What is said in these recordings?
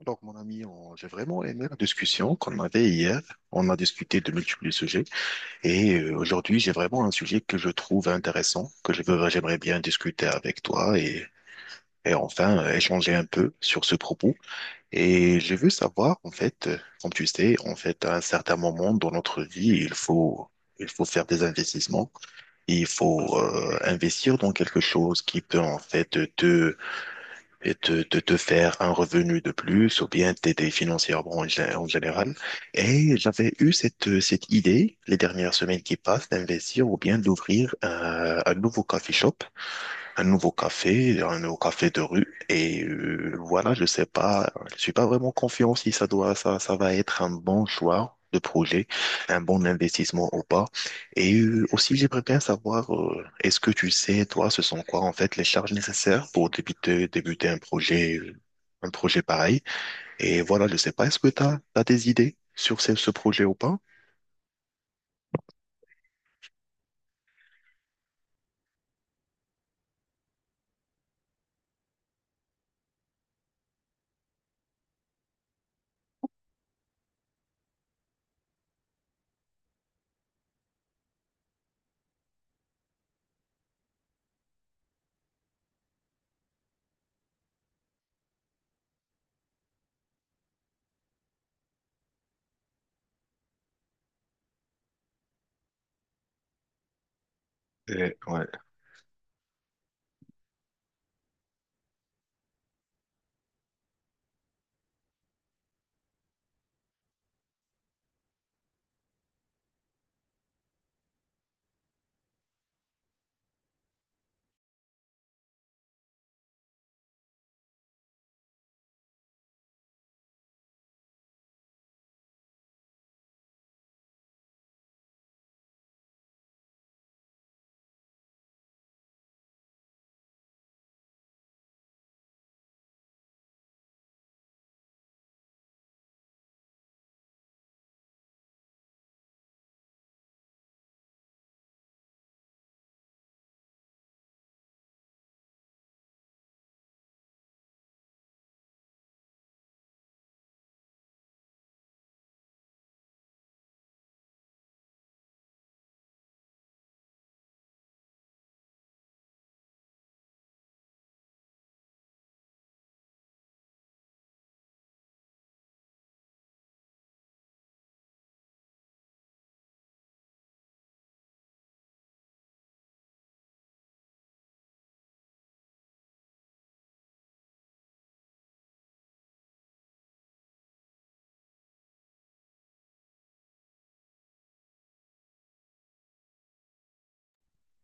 Donc, mon ami, j'ai vraiment aimé la discussion qu'on avait hier. On a discuté de multiples sujets et aujourd'hui, j'ai vraiment un sujet que je trouve intéressant, j'aimerais bien discuter avec toi et enfin échanger un peu sur ce propos. Et je veux savoir, en fait, comme tu sais, en fait, à un certain moment dans notre vie, il faut faire des investissements. Il faut investir dans quelque chose qui peut en fait te et de te faire un revenu de plus ou bien t'aider financièrement en général. Et j'avais eu cette idée les dernières semaines qui passent d'investir ou bien d'ouvrir un nouveau coffee shop un nouveau café de rue. Et voilà, je sais pas, je suis pas vraiment confiant si ça va être un bon choix de projet, un bon investissement ou pas. Et aussi, j'aimerais bien savoir, est-ce que tu sais, toi, ce sont quoi en fait les charges nécessaires pour débuter un projet pareil? Et voilà, je sais pas, est-ce que tu as, des idées sur ce projet ou pas? Et, ouais.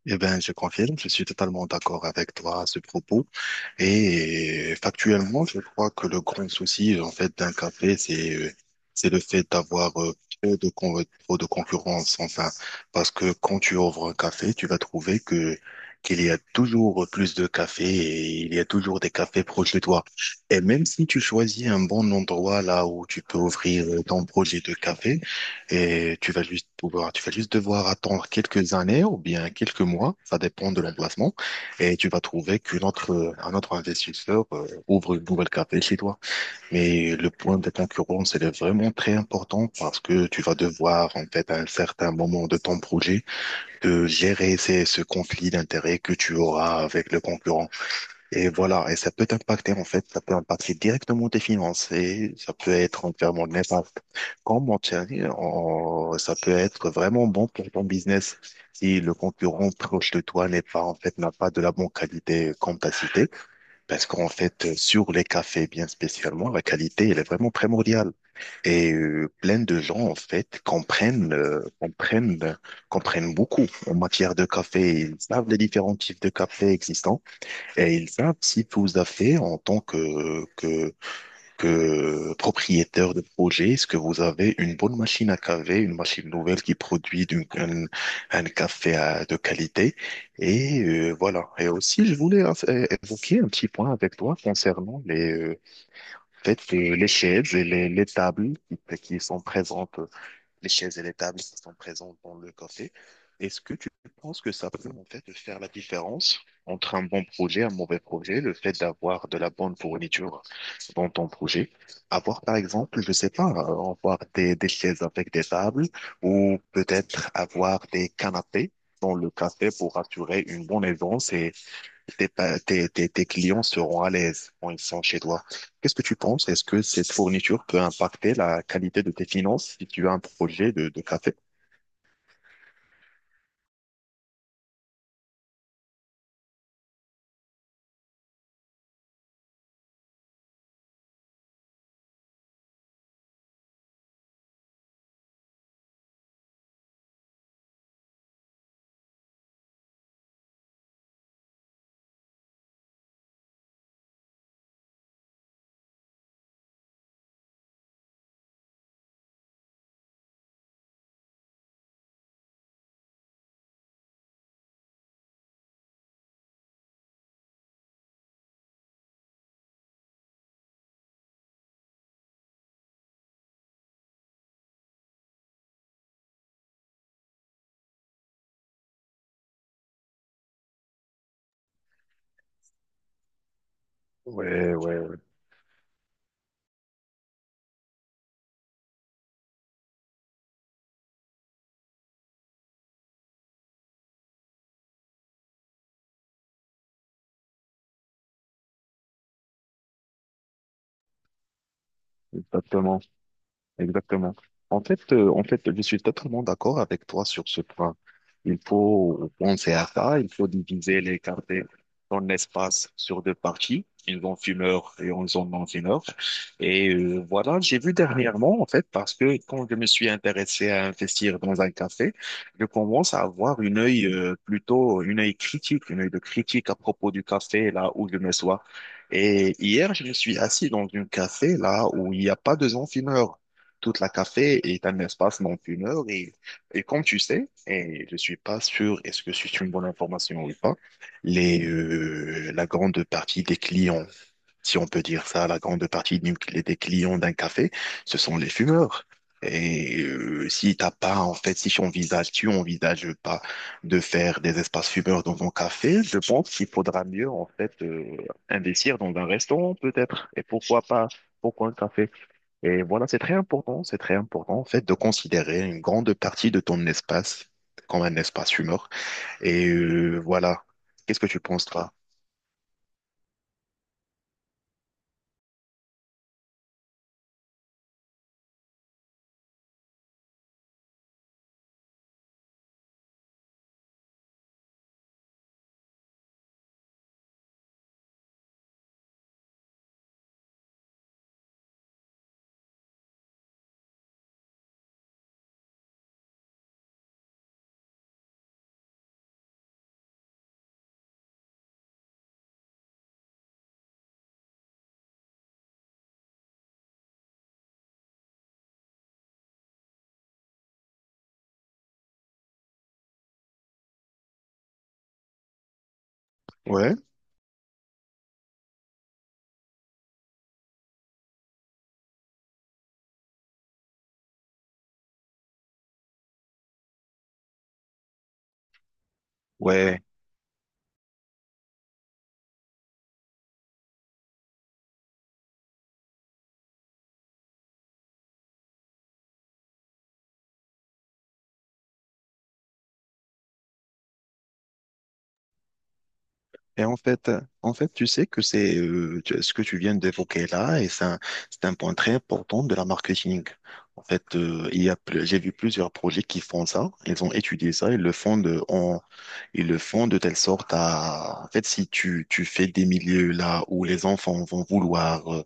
Eh ben, je confirme, je suis totalement d'accord avec toi à ce propos. Et factuellement, je crois que le grand souci, en fait, d'un café, c'est le fait d'avoir trop de concurrence, enfin. Parce que quand tu ouvres un café, tu vas trouver qu'il y a toujours plus de cafés et il y a toujours des cafés proches de toi. Et même si tu choisis un bon endroit là où tu peux ouvrir ton projet de café, et tu vas juste devoir attendre quelques années ou bien quelques mois, ça dépend de l'emplacement et tu vas trouver qu'un autre investisseur ouvre une nouvelle café chez toi. Mais le point de concurrence, elle est vraiment très important parce que tu vas devoir, en fait, à un certain moment de ton projet, de gérer ce conflit d'intérêts que tu auras avec le concurrent. Et voilà, et ça peut t'impacter, en fait, ça peut impacter directement tes finances et ça peut être entièrement néfaste. Quand ça peut être vraiment bon pour ton business si le concurrent proche de toi n'est pas, en fait, n'a pas de la bonne qualité comme t'as cité. Parce qu'en fait, sur les cafés bien spécialement, la qualité, elle est vraiment primordiale. Et plein de gens, en fait, comprennent beaucoup en matière de café. Ils savent les différents types de café existants et ils savent si vous avez en tant que propriétaire de projet, est-ce que vous avez une bonne machine à caver, une machine nouvelle qui produit un café de qualité? Et voilà. Et aussi, je voulais évoquer un petit point avec toi concernant peut-être, les chaises et les tables qui sont présentes les chaises et les tables qui sont présentes dans le café. Est-ce que tu penses que ça peut en fait faire la différence entre un bon projet et un mauvais projet, le fait d'avoir de la bonne fourniture dans ton projet? Avoir par exemple, je sais pas, avoir des chaises avec des tables ou peut-être avoir des canapés dans le café pour assurer une bonne aisance et tes, pa- tes, tes, tes clients seront à l'aise quand ils sont chez toi. Qu'est-ce que tu penses? Est-ce que cette fourniture peut impacter la qualité de tes finances si tu as un projet de café? Ouais, ouais, ouais, exactement. Exactement. En fait, je suis totalement d'accord avec toi sur ce point. Il faut penser à ça, il faut diviser les quartiers dans espace sur deux parties, une zone fumeur et une zone non-fumeur. Et voilà, j'ai vu dernièrement, en fait, parce que quand je me suis intéressé à investir dans un café, je commence à avoir une œil plutôt, une œil critique, une œil de critique à propos du café, là où je me sois. Et hier, je me suis assis dans un café, là où il n'y a pas de zone fumeur. Toute la café est un espace non fumeur et comme tu sais, et je suis pas sûr est-ce que c'est une bonne information ou pas, la grande partie des clients, si on peut dire ça, la grande partie des clients d'un café, ce sont les fumeurs. Et si t'as pas, en fait, si tu envisages pas de faire des espaces fumeurs dans ton café, je pense qu'il faudra mieux, en fait, investir dans un restaurant peut-être. Et pourquoi pas, pourquoi un café? Et voilà, c'est très important en fait de considérer une grande partie de ton espace comme un espace humain. Et voilà, qu'est-ce que tu penses toi? Ouais, ouais. Et en fait, tu sais ce que tu viens d'évoquer là, et c'est un point très important de la marketing. En fait, il y a, ple- j'ai vu plusieurs projets qui font ça. Ils ont étudié ça, ils le font de telle sorte à, en fait, si tu fais des milieux là où les enfants vont vouloir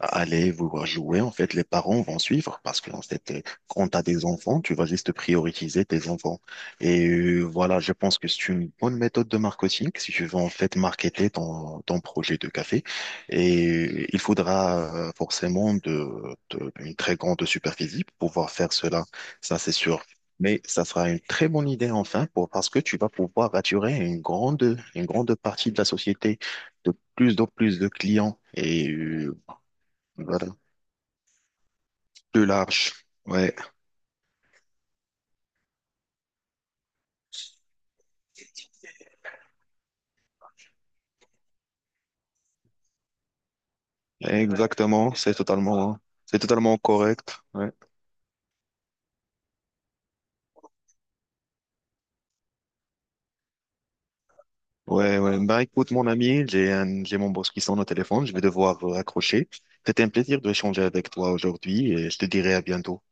aller vouloir jouer, en fait, les parents vont suivre parce que, en fait, quand tu as des enfants, tu vas juste prioriser tes enfants. Et voilà, je pense que c'est une bonne méthode de marketing si tu veux, en fait, marketer ton projet de café. Et il faudra forcément une très grande superficie pour pouvoir faire cela. Ça, c'est sûr. Mais ça sera une très bonne idée enfin pour, parce que tu vas pouvoir attirer une grande partie de la société de plus en plus de clients. Et voilà. Plus large. Ouais, exactement. C'est totalement correct. Ouais. Ouais, ouais. Bah, écoute, mon ami, j'ai mon boss qui sonne au téléphone. Je vais devoir raccrocher. C'était un plaisir de échanger avec toi aujourd'hui et je te dirai à bientôt.